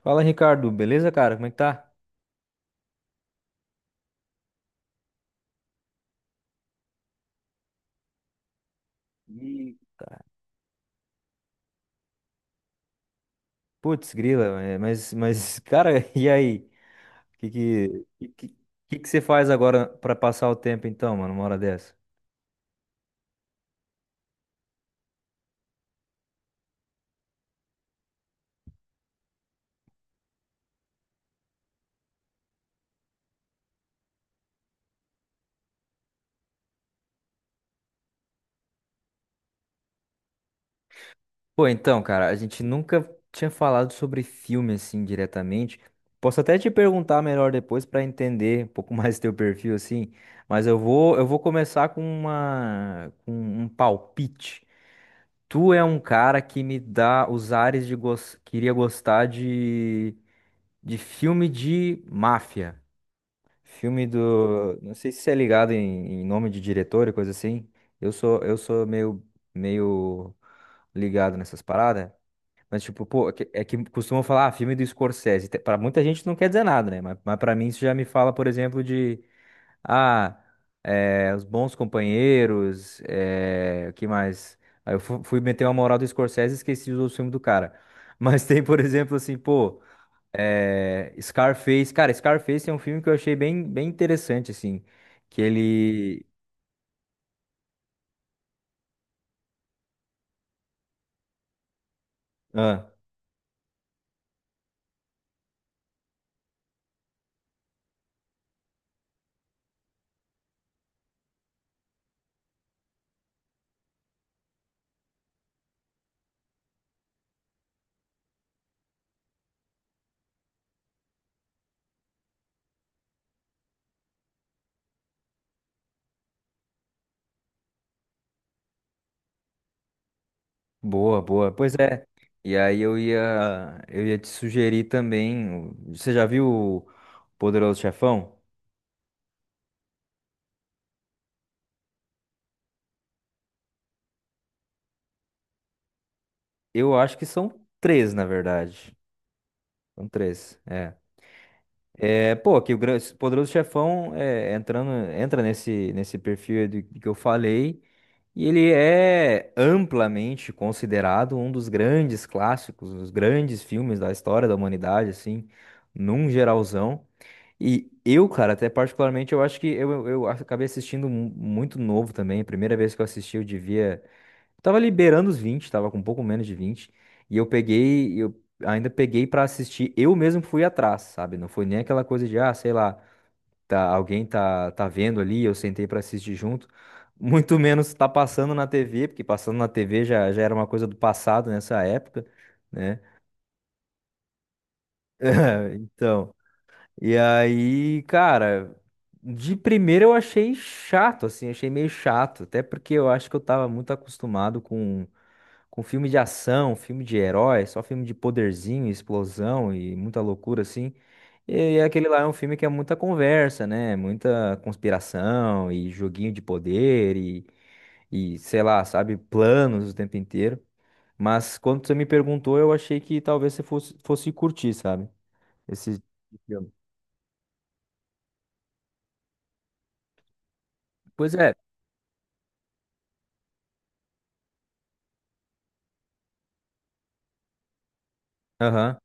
Fala, Ricardo, beleza, cara? Como é que tá? Putz, grila, mas, cara, e aí? Que que, que, que você faz agora pra passar o tempo, então, mano, uma hora dessa? Pô, então, cara, a gente nunca tinha falado sobre filme, assim, diretamente. Posso até te perguntar melhor depois pra entender um pouco mais teu perfil, assim, mas eu vou começar com com um palpite. Tu é um cara que me dá os ares de queria gostar de filme de máfia. Filme do. Não sei se você é ligado em, em nome de diretor e coisa assim. Eu sou meio, meio ligado nessas paradas. Mas, tipo, pô, é que costumam falar, ah, filme do Scorsese. Pra muita gente não quer dizer nada, né? Mas pra mim isso já me fala, por exemplo, de. Ah, é, Os Bons Companheiros. É, o que mais? Aí fui meter uma moral do Scorsese e esqueci os outros filmes do cara. Mas tem, por exemplo, assim, pô. É, Scarface, cara, Scarface é um filme que eu achei bem, bem interessante, assim, que ele... Ah, boa, pois é, e aí eu ia te sugerir também, o- você já viu o Poderoso Chefão? Eu acho que são três, na verdade, são três, é. É, pô, que o Gran- esse Poderoso Chefão é, entrando, entra nesse, nesse perfil aí do que eu falei, e ele é amplamente considerado um dos grandes clássicos, um dos grandes filmes da história da humanidade, assim, num geralzão. E eu, cara, até particularmente, eu acho que eu acabei assistindo muito novo também. A primeira vez que eu assisti, eu devia. Tava liberando os vinte, tava com um pouco menos de vinte. E eu peguei, eu ainda peguei pra assistir. Eu mesmo fui atrás, sabe? Não foi nem aquela coisa de, ah, sei lá, tá, alguém tá, tá vendo ali, eu sentei pra assistir junto. Muito menos tá passando na TV, porque passando na TV já, já era uma coisa do passado nessa época, né? Então, e aí, cara, de primeira eu achei chato, assim, achei meio chato, até porque eu acho que eu tava muito acostumado com filme de ação, filme de herói, só filme de poderzinho, explosão e muita loucura assim. E aquele lá é um filme que é muita conversa, né? Muita conspiração e joguinho de poder e sei lá, sabe, planos o tempo inteiro. Mas quando você me perguntou, eu achei que talvez fosse curtir, sabe? Esse filme. Pois é. Aham.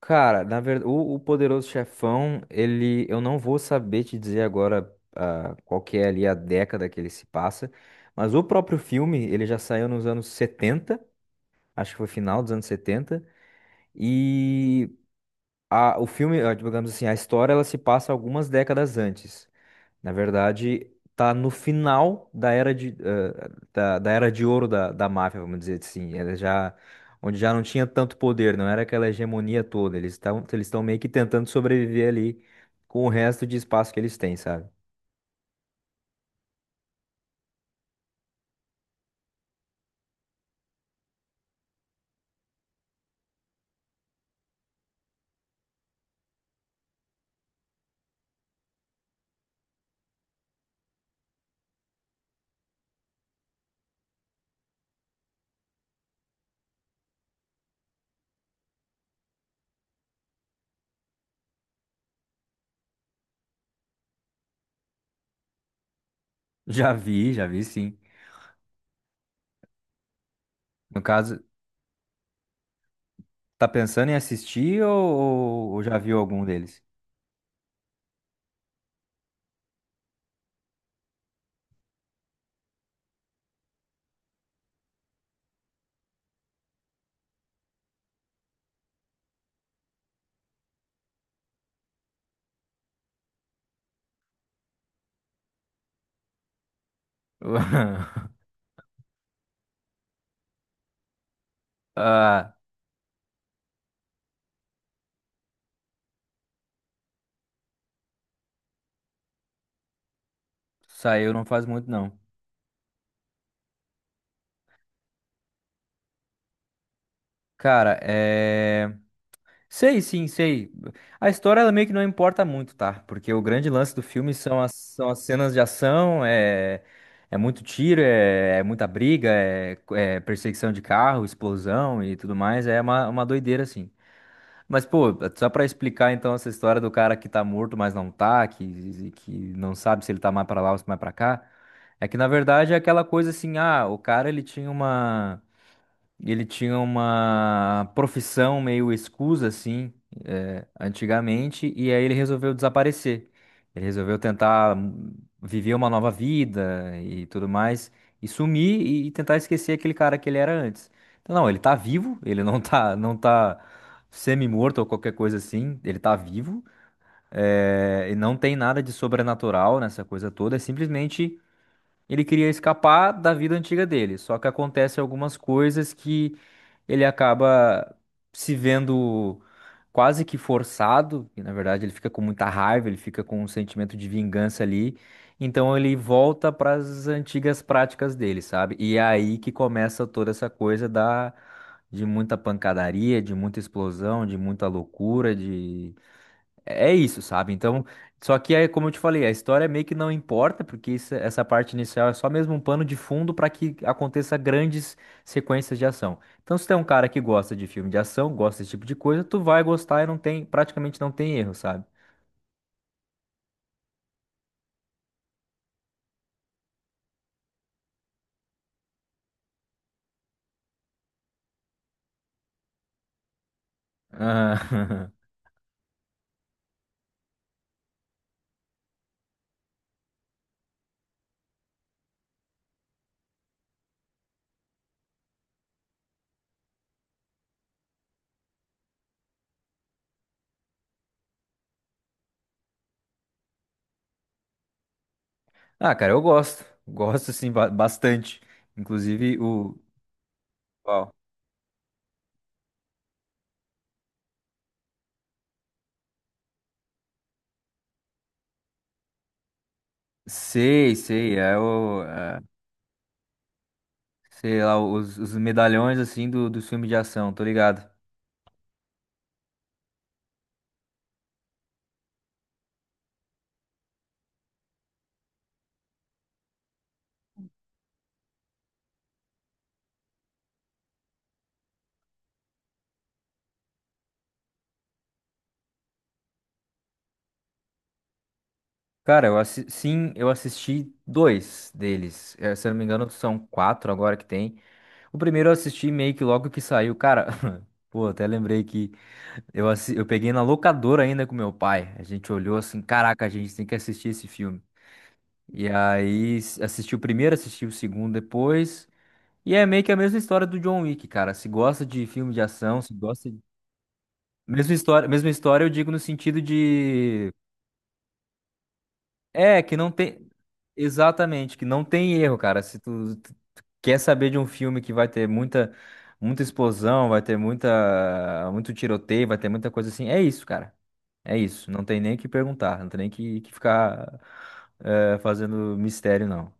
Cara, na verdade, o Poderoso Chefão, ele, eu não vou saber te dizer agora, ah, qual que é ali a década que ele se passa, mas o próprio filme, ele já saiu nos anos 70, acho que foi final dos anos setenta, e o filme, ah, digamos assim, a história, ela se passa algumas décadas antes. Na verdade, tá no final da era da, da era de ouro da máfia, vamos dizer assim. Ela já, onde já não tinha tanto poder, não era aquela hegemonia toda. Eles estão meio que tentando sobreviver ali com o resto de espaço que eles têm, sabe? Já vi sim. No caso, tá pensando em assistir ou, já viu algum deles? Ah, saiu não faz muito, não. Cara, é. Sei, sim, sei. A história ela meio que não importa muito, tá? Porque o grande lance do filme são as cenas de ação, é, é muito tiro, é, é muita briga, é, é perseguição de carro, explosão e tudo mais. É uma doideira, assim. Mas, pô, só pra explicar então essa história do cara que tá morto, mas não tá, que não sabe se ele tá mais pra lá ou se mais pra cá. É que na verdade é aquela coisa assim, ah, o cara ele tinha uma. E ele tinha uma profissão meio escusa, assim, eh, antigamente, e aí ele resolveu desaparecer. Ele resolveu tentar, viver uma nova vida e tudo mais, e sumir e tentar esquecer aquele cara que ele era antes. Então, não, ele tá vivo, ele não tá, não tá semi-morto ou qualquer coisa assim, ele tá vivo, eh, e não tem nada de sobrenatural nessa coisa toda, é simplesmente. Ele queria escapar da vida antiga dele, só que acontece algumas coisas que ele acaba se vendo quase que forçado, e na verdade ele fica com muita raiva, ele fica com um sentimento de vingança ali, então ele volta para as antigas práticas dele, sabe? E é aí que começa toda essa coisa da de muita pancadaria, de muita explosão, de muita loucura, é isso, sabe? Então, só que é como eu te falei, a história meio que não importa, porque isso- essa parte inicial é só mesmo um pano de fundo para que aconteça grandes sequências de ação. Então, se tem um cara que gosta de filme de ação, gosta desse tipo de coisa, tu vai gostar e não tem, praticamente não tem erro, sabe? Ah, ah, cara, eu gosto. Gosto sim, bastante. Inclusive o Qual? Sei, sei, é o é, sei lá, os medalhões assim do filme de ação, tô ligado. Cara, eu sim, eu assisti dois deles. Eh, se eu não me engano, são quatro agora que tem. O primeiro eu assisti meio que logo que saiu. Cara, pô, até lembrei que eu, eu peguei na locadora ainda com meu pai. A gente olhou assim, caraca, a gente tem que assistir esse filme. E aí assisti o primeiro, assisti o segundo depois. E é meio que a mesma história do John Wick, cara. Se gosta de filme de ação, se gosta de... mesma história eu digo no sentido de é, que não tem. Exatamente, que não tem erro, cara. Se tu quer saber de um filme que vai ter muita, muita explosão, vai ter muita, muito tiroteio, vai ter muita coisa assim, é isso, cara. É isso. Não tem nem o que perguntar, não tem nem que, que ficar, eh, fazendo mistério, não.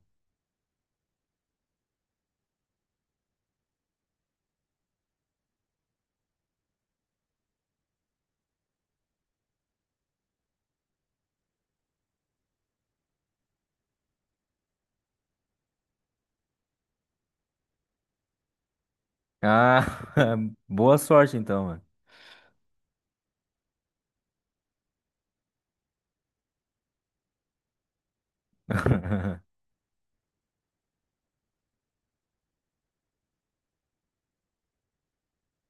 Ah, boa sorte então, mano.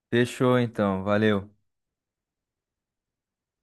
Fechou então, valeu.